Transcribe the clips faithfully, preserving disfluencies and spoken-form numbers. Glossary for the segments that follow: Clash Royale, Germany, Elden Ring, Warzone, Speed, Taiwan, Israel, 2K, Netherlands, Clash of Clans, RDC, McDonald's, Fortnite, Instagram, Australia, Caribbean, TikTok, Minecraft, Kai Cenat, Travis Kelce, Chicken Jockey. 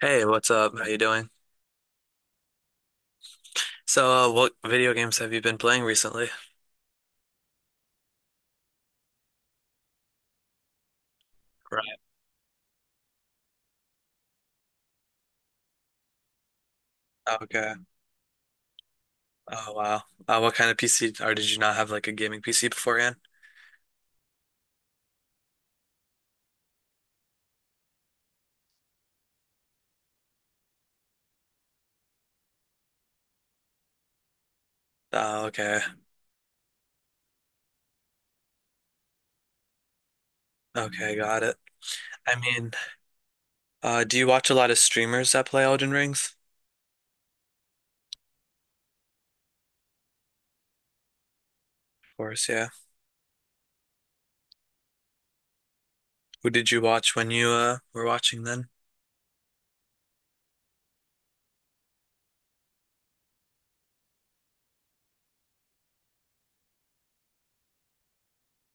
Hey, what's up? How you doing? So, uh, what video games have you been playing recently? Right. Okay. Oh, wow. Uh, what kind of P C, or did you not have like a gaming P C beforehand? Oh, okay. Okay, got it. I mean, uh, do you watch a lot of streamers that play Elden Rings? Of course, yeah. Who did you watch when you uh, were watching then?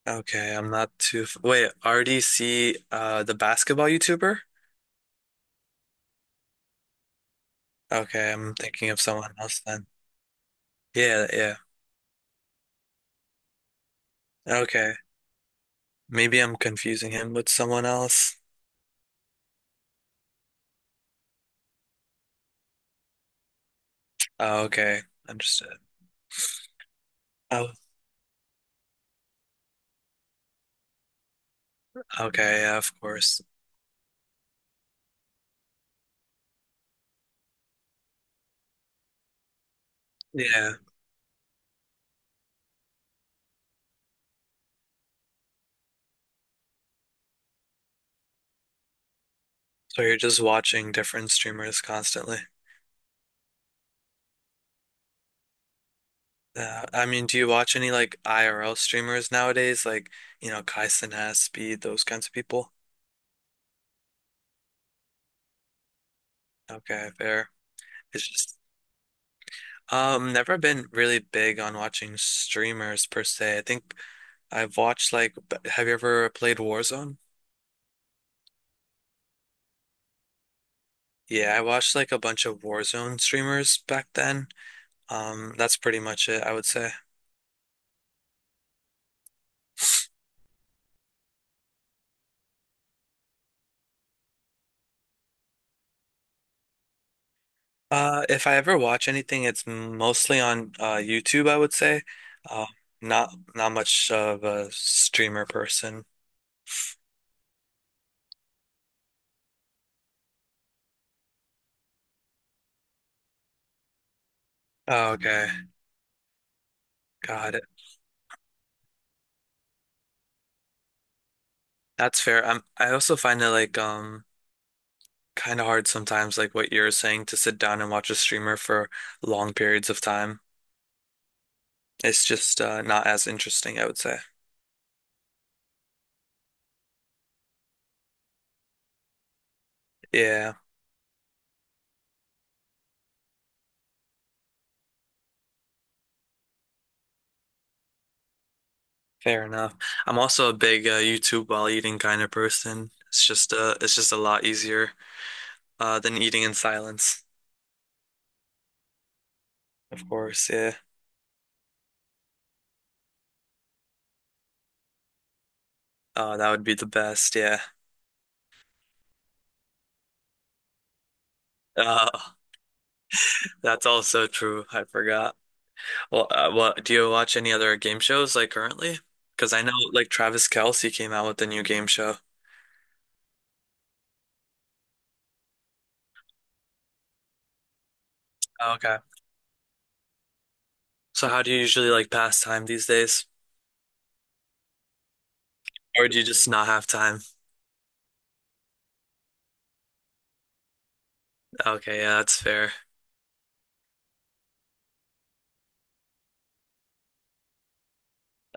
Okay, I'm not too. f- Wait, R D C, uh, the basketball YouTuber? Okay, I'm thinking of someone else then. Yeah, yeah. Okay, maybe I'm confusing him with someone else. Oh, okay, understood. Oh, okay, yeah, of course. Yeah, so you're just watching different streamers constantly. Uh, I mean, do you watch any like I R L streamers nowadays, like you know, Kai Cenat, Speed, those kinds of people? Okay, fair. It's just Um, never been really big on watching streamers per se. I think I've watched like, b- have you ever played Warzone? Yeah, I watched like a bunch of Warzone streamers back then. Um, that's pretty much it, I would say. Uh, if I ever watch anything, it's mostly on uh YouTube, I would say. Uh, not not much of a streamer person. Oh, okay, got it. That's fair. i I also find it like um. kind of hard sometimes, like what you're saying, to sit down and watch a streamer for long periods of time. It's just uh, not as interesting, I would say. Yeah, fair enough. I'm also a big uh, YouTube while eating kind of person. It's just uh, it's just a lot easier uh, than eating in silence. Of course, yeah. Oh, that would be the best. Yeah. Uh, that's also true. I forgot. Well, uh, what do you watch any other game shows like currently? Because I know like Travis Kelce came out with a new game show. Oh, okay. So how do you usually like pass time these days? Or do you just not have time? Okay, yeah, that's fair.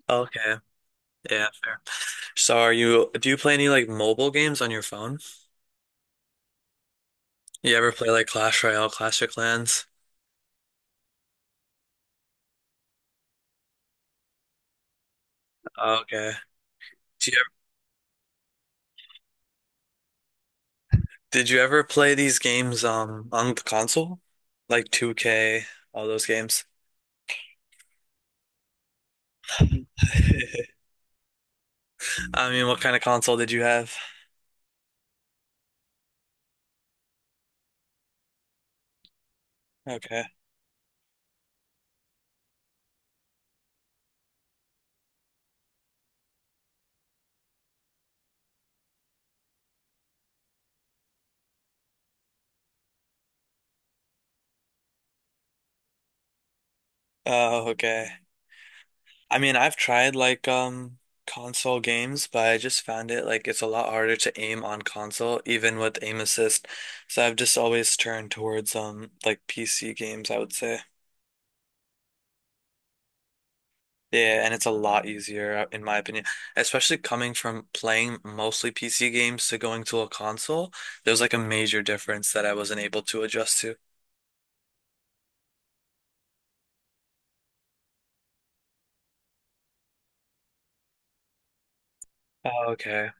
Okay, yeah, fair. So are you, do you play any like mobile games on your phone? You ever play like Clash Royale, Clash of Clans? Okay. Do you ever, did you ever play these games um on the console? Like two K, all those games? I mean, what kind of console did you have? Okay. Oh, okay. I mean, I've tried like um console games, but I just found it like it's a lot harder to aim on console, even with aim assist. So I've just always turned towards um like P C games, I would say. Yeah, and it's a lot easier uh, in my opinion, especially coming from playing mostly P C games to going to a console. There was like a major difference that I wasn't able to adjust to. Oh, okay.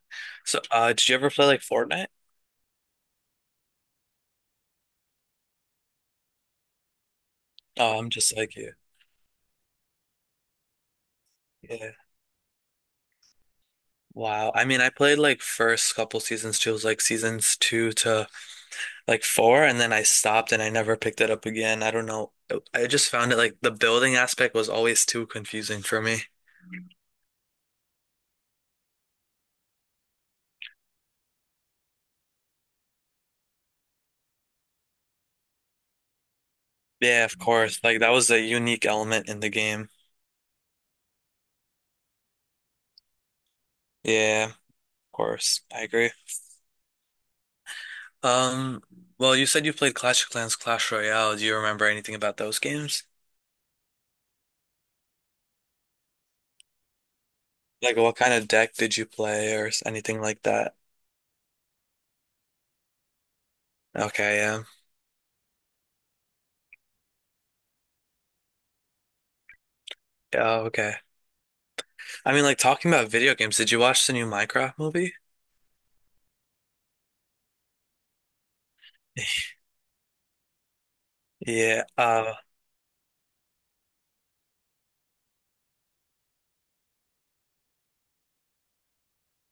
So, uh, did you ever play like Fortnite? Oh, I'm just like you. Yeah. Wow. I mean, I played like first couple seasons too. It was like seasons two to like four, and then I stopped and I never picked it up again. I don't know. uh, I just found it like the building aspect was always too confusing for me. Yeah, of course. Like that was a unique element in the game. Yeah, of course. I agree. Um, well, you said you played Clash of Clans, Clash Royale. Do you remember anything about those games? Like what kind of deck did you play or s- anything like that? Okay, yeah. Yeah, okay. I mean, like talking about video games, did you watch the new Minecraft movie? Yeah, uh,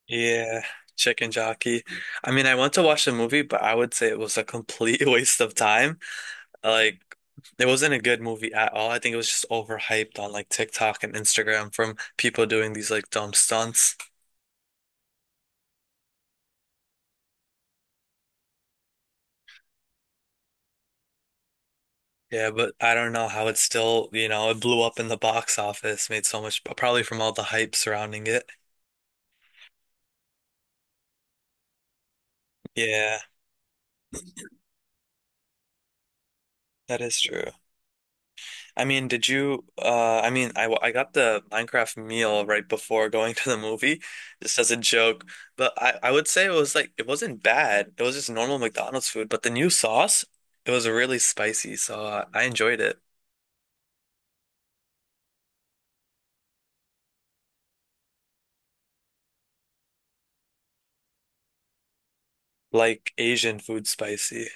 yeah, Chicken Jockey. I mean, I went to watch the movie, but I would say it was a complete waste of time. Like, it wasn't a good movie at all. I think it was just overhyped on like TikTok and Instagram from people doing these like dumb stunts. Yeah, but I don't know how it still, you know, it blew up in the box office, made so much, probably from all the hype surrounding it. Yeah, that is true. I mean, did you? Uh, I mean, I, I got the Minecraft meal right before going to the movie, just as a joke. But I, I would say it was like it wasn't bad. It was just normal McDonald's food. But the new sauce, it was really spicy, so uh, I enjoyed it. Like Asian food spicy.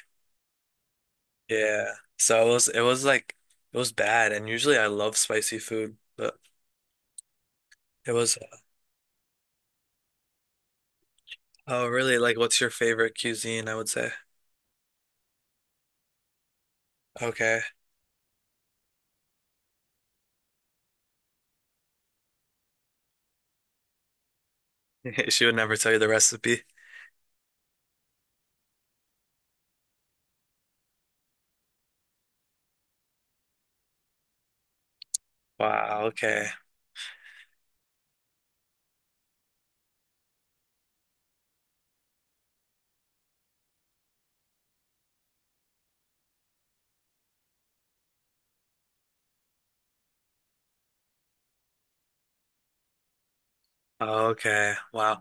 Yeah. So it was it was like it was bad. And usually I love spicy food, but it was. Oh, really? Like, what's your favorite cuisine? I would say. Okay. She would never tell you the recipe. Wow. Okay. Okay. Wow.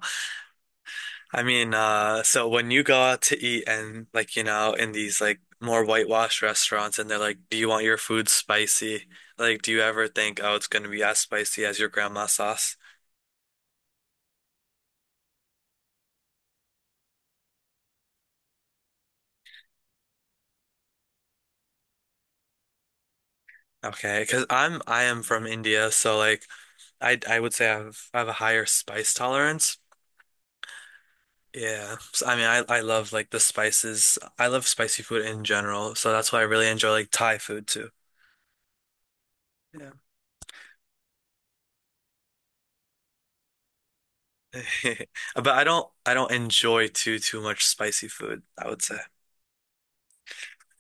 I mean, uh, so when you go out to eat and like, you know, in these like more whitewashed restaurants and they're like, do you want your food spicy? Like, do you ever think, oh, it's gonna be as spicy as your grandma's sauce? Okay, 'cause I'm I am from India, so like I I would say I have I have a higher spice tolerance. Yeah. So, I mean, I I love like the spices. I love spicy food in general, so that's why I really enjoy like Thai food too. Yeah. But I don't I don't enjoy too too much spicy food, I would say.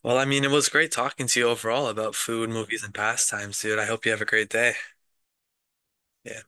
Well, I mean, it was great talking to you overall about food, movies, and pastimes, dude. I hope you have a great day. Yeah.